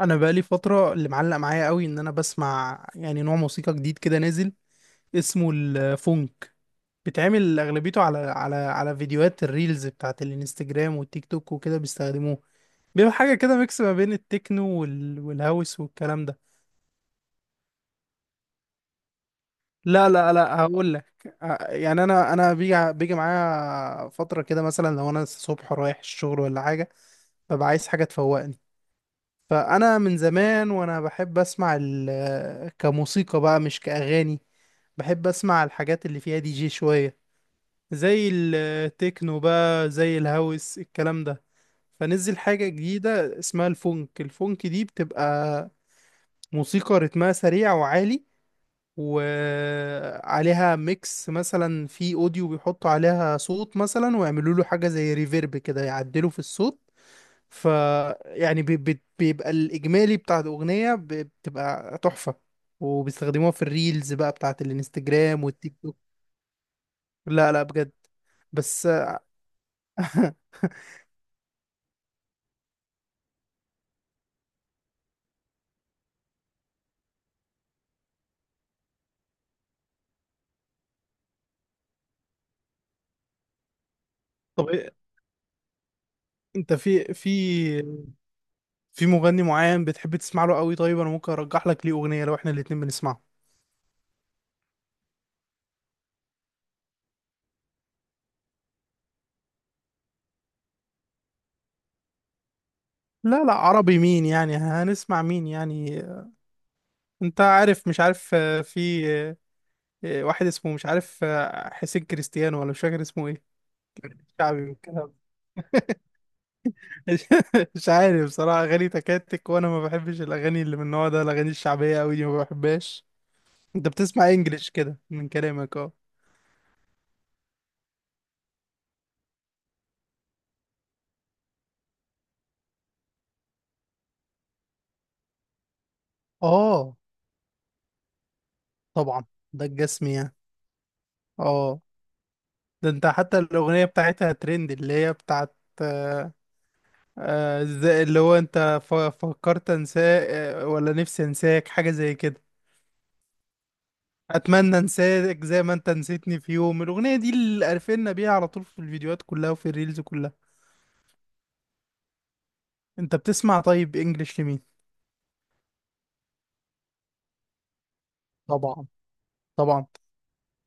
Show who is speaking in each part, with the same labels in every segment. Speaker 1: انا بقالي فتره اللي معلق معايا قوي ان انا بسمع يعني نوع موسيقى جديد كده نازل اسمه الفونك. بيتعمل اغلبيته على فيديوهات الريلز بتاعت الانستجرام والتيك توك وكده بيستخدموه. بيبقى حاجه كده ميكس ما بين التكنو والهاوس والكلام ده. لا لا لا، هقول لك. يعني انا بيجي معايا فتره كده، مثلا لو انا الصبح رايح الشغل ولا حاجه ببقى عايز حاجه تفوقني. فانا من زمان وانا بحب اسمع كموسيقى بقى مش كاغاني. بحب اسمع الحاجات اللي فيها دي جي شوية، زي التكنو بقى زي الهاوس الكلام ده. فنزل حاجة جديدة اسمها الفونك. الفونك دي بتبقى موسيقى رتمها سريع وعالي، وعليها ميكس مثلا في اوديو بيحطوا عليها صوت مثلا ويعملوا له حاجة زي ريفيرب كده يعدلوا في الصوت. ف يعني بيبقى الإجمالي بتاع الأغنية بتبقى تحفة، وبيستخدموها في الريلز بقى بتاعت الانستجرام والتيك توك. لا لا، بجد. بس طب إيه- انت في في مغني معين بتحب تسمع له قوي؟ طيب انا ممكن ارجح لك ليه اغنيه لو احنا الاتنين بنسمعه. لا لا، عربي مين يعني؟ هنسمع مين يعني؟ انت عارف مش عارف في واحد اسمه مش عارف حسين كريستيانو، ولا مش فاكر اسمه ايه. شعبي والكلام ده. مش عارف بصراحه، اغاني تكاتك، وانا ما بحبش الاغاني اللي من النوع ده. الاغاني الشعبيه قوي دي ما بحبهاش. انت بتسمع انجليش كده من كلامك، اه. اه، طبعا. ده الجسم يعني. اه. ده انت حتى الاغنيه بتاعتها ترند، اللي هي بتاعت آه، ازاي، اللي هو انت فكرت انساك، ولا نفسي انساك، حاجه زي كده. اتمنى انساك زي ما انت نسيتني في يوم. الاغنيه دي اللي قرفنا بيها على طول، في الفيديوهات كلها وفي الريلز كلها. انت بتسمع طيب انجليش لمين؟ طبعا. طبعا.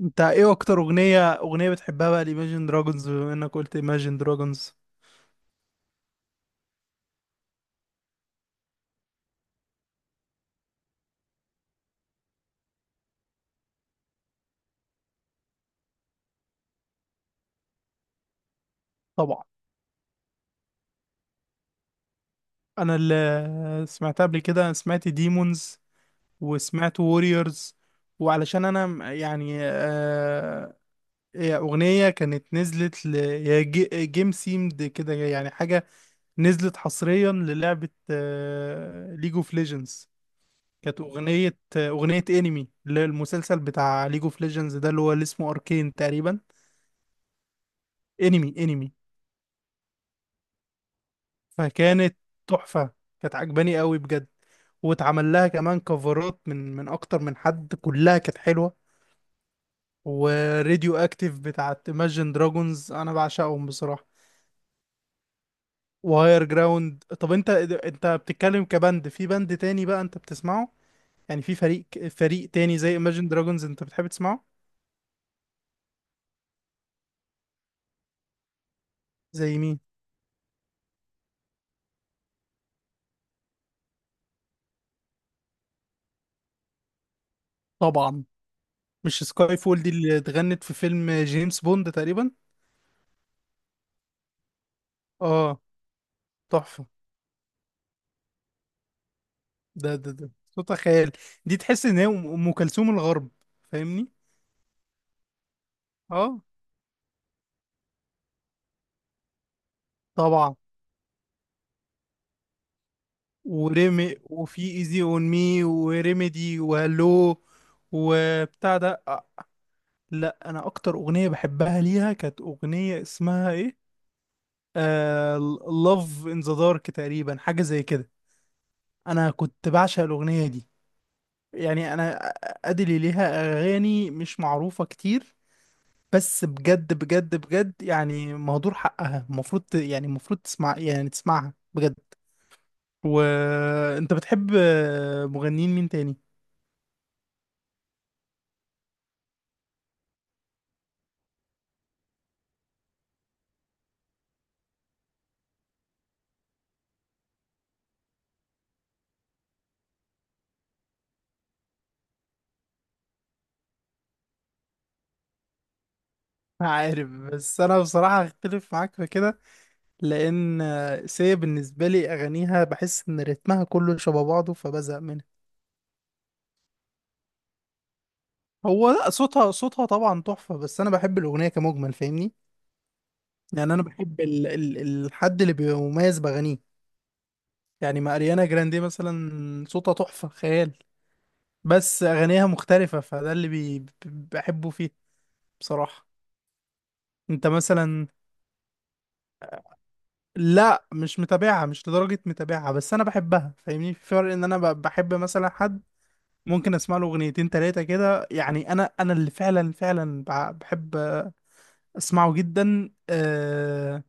Speaker 1: انت ايه اكتر اغنيه بتحبها بقى الايماجين دراجونز، بما انك قلت ايماجين دراجونز؟ طبعا. انا اللي سمعتها قبل كده سمعت ديمونز، وسمعت ووريورز. وعلشان انا يعني هي اغنيه كانت نزلت ل، هي جيم سيمد كده يعني، حاجه نزلت حصريا للعبه ليج اوف ليجندز. كانت اغنيه انمي، اللي هي المسلسل بتاع ليج اوف ليجندز ده، اللي هو اللي اسمه اركين تقريبا. انمي انمي. فكانت تحفه. كانت عجباني قوي بجد. واتعمل لها كمان كفرات من اكتر من حد، كلها كانت حلوه. وراديو اكتيف بتاعت Imagine Dragons، انا بعشقهم بصراحة. وهاير جراوند. طب انت بتتكلم كبند، في بند تاني بقى انت بتسمعه؟ يعني في فريق تاني زي Imagine Dragons انت بتحب تسمعه؟ زي مين؟ طبعا. مش سكاي فول دي اللي اتغنت في فيلم جيمس بوند تقريبا؟ اه. تحفة. ده صوتها خيال. دي تحس ان هي أم كلثوم الغرب، فاهمني؟ اه، طبعا. وريمي، وفي ايزي اون مي، وريميدي، وهالو. وبتاع ده لا، انا اكتر اغنيه بحبها ليها كانت اغنيه اسمها ايه، Love in the Dark تقريبا، حاجه زي كده. انا كنت بعشق الاغنيه دي. يعني انا، ادلي ليها اغاني مش معروفه كتير، بس بجد بجد بجد يعني مهدور حقها. المفروض يعني المفروض تسمع، يعني تسمعها بجد. وانت بتحب مغنيين مين تاني؟ عارف، بس انا بصراحة هختلف معاك في كده، لان سيا بالنسبة لي اغانيها بحس ان رتمها كله شبه بعضه فبزهق منها. هو لا، صوتها، صوتها طبعا تحفة، بس انا بحب الاغنية كمجمل، فاهمني؟ يعني انا بحب ال الحد اللي بيبقى مميز باغانيه. يعني ما اريانا جراندي مثلا صوتها تحفة خيال، بس اغانيها مختلفة، فده اللي بحبه فيه بصراحة. انت مثلا؟ لا مش متابعها، مش لدرجة متابعها، بس انا بحبها. فاهمني في فرق، ان انا بحب مثلا حد ممكن اسمع له اغنيتين تلاتة كده، يعني انا، اللي فعلا فعلا بحب اسمعه جدا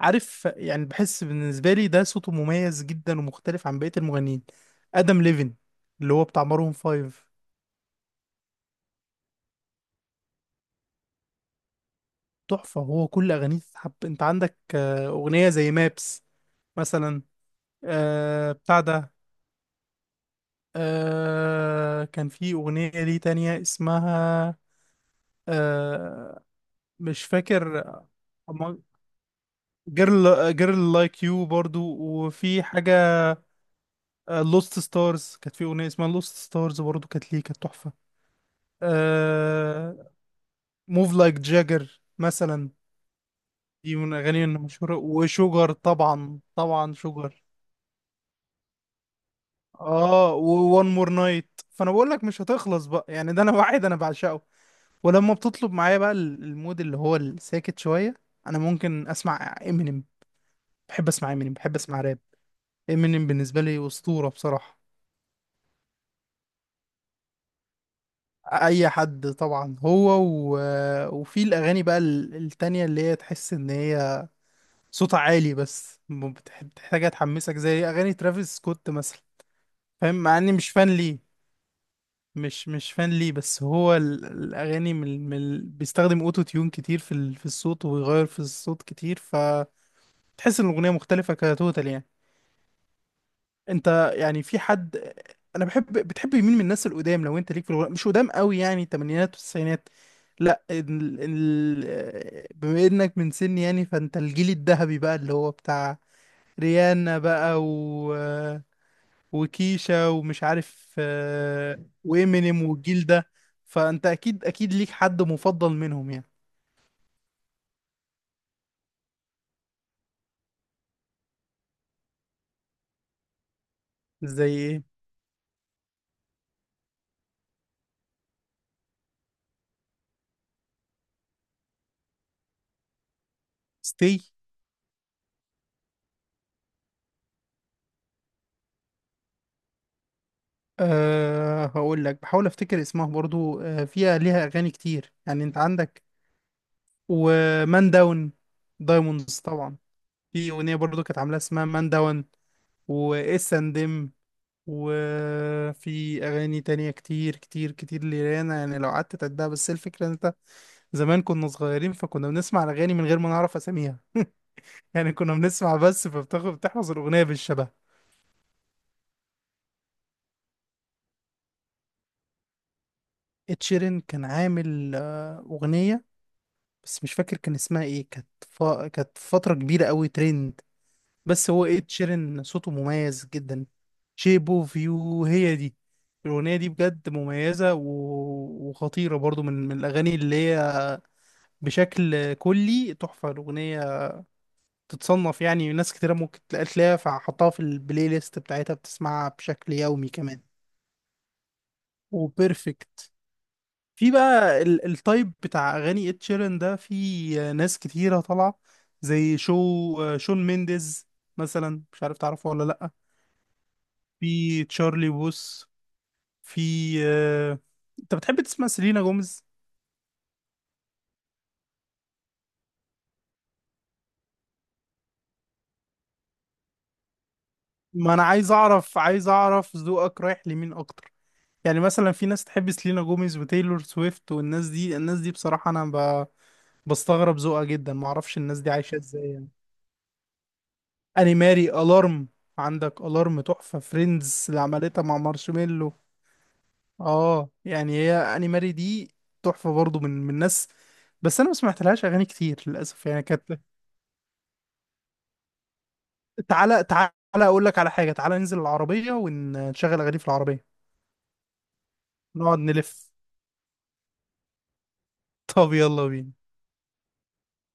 Speaker 1: عارف يعني، بحس بالنسبة لي ده صوته مميز جدا ومختلف عن بقية المغنيين. ادم ليفن، اللي هو بتاع مارون فايف. تحفة. هو كل اغانيه تتحب. انت عندك اغنية زي مابس مثلا، بتاع ده. كان في اغنية ليه تانية اسمها آه مش فاكر. جيرل جيرل لايك يو برضو، وفي حاجة لوست ستارز. كانت في أغنية اسمها لوست ستارز برضو كانت ليه، كانت تحفة. موف لايك جاجر مثلا، دي من أغاني المشهورة. وشوجر، طبعا طبعا شوجر. اه. وون مور نايت. فانا بقول لك مش هتخلص بقى يعني، ده انا واحد انا بعشقه. ولما بتطلب معايا بقى المود اللي هو الساكت شوية، انا ممكن اسمع امينيم. بحب اسمع امينيم، بحب اسمع راب. امينيم بالنسبة لي أسطورة بصراحة. اي حد طبعا، هو و... وفي الاغاني بقى التانية، اللي هي تحس ان هي صوتها عالي، بس بتحتاجها تحمسك، زي اغاني ترافيس سكوت مثلا. فاهم، مع اني مش فان ليه. مش مش فان ليه، بس هو الاغاني بيستخدم اوتو تيون كتير في في الصوت، ويغير في الصوت كتير، فتحس ان الاغنية مختلفة كتوتال يعني. انت يعني في حد، انا بحب، بتحب مين من الناس القدام، لو انت ليك في الغناء، مش قدام قوي يعني، الثمانينات والتسعينات؟ لا بما انك من سني يعني، فانت الجيل الذهبي بقى اللي هو بتاع ريانا بقى، وكيشا، ومش عارف وإمينيم، والجيل ده. فانت اكيد اكيد ليك حد مفضل منهم يعني. زي ايه؟ ستي. أه هقول لك، بحاول افتكر اسمها برضو. أه فيها، ليها اغاني كتير يعني، انت عندك ومان داون، دايموندز طبعا. في أغنية برضو كانت عاملاها اسمها مان داون، وإس أند إم، وفي أغاني تانية كتير كتير كتير لريانا يعني لو قعدت تعدها. بس الفكرة إن أنت، زمان كنا صغيرين فكنا بنسمع الأغاني من غير ما نعرف أساميها يعني، كنا بنسمع بس، فبتاخد بتحفظ الأغنية بالشبه. اتشيرين كان عامل أغنية بس مش فاكر كان اسمها إيه، كانت كانت فترة كبيرة أوي ترند. بس هو إد شيرين صوته مميز جدا. شيب اوف يو، هي دي الأغنية دي بجد مميزة وخطيرة برضو من من الأغاني اللي هي بشكل كلي تحفة. الأغنية تتصنف يعني، ناس كتيرة ممكن تلاقيها فحطها في البلاي ليست بتاعتها بتسمعها بشكل يومي كمان. وبيرفكت. في بقى التايب بتاع أغاني إد شيران ده، في ناس كتيرة طالعة زي شون مينديز مثلا، مش عارف تعرفه ولا لأ. في تشارلي بوس، في آه، انت بتحب تسمع سيلينا جوميز؟ ما انا عايز اعرف، عايز اعرف ذوقك رايح لمين اكتر. يعني مثلا في ناس تحب سيلينا جوميز وتايلور سويفت والناس دي. الناس دي بصراحة انا بستغرب ذوقها جدا، ما اعرفش الناس دي عايشة ازاي يعني. اني ماري الارم. عندك الارم تحفة، فريندز اللي عملتها مع مارشميلو. اه يعني هي اني ماري دي تحفة برضو، من ناس بس انا ما سمعتلهاش اغاني كتير للاسف يعني، كانت. تعالى تعالى اقول لك على حاجه، تعالى ننزل العربيه ونشغل اغاني في العربيه، نقعد نلف. طب يلا بينا.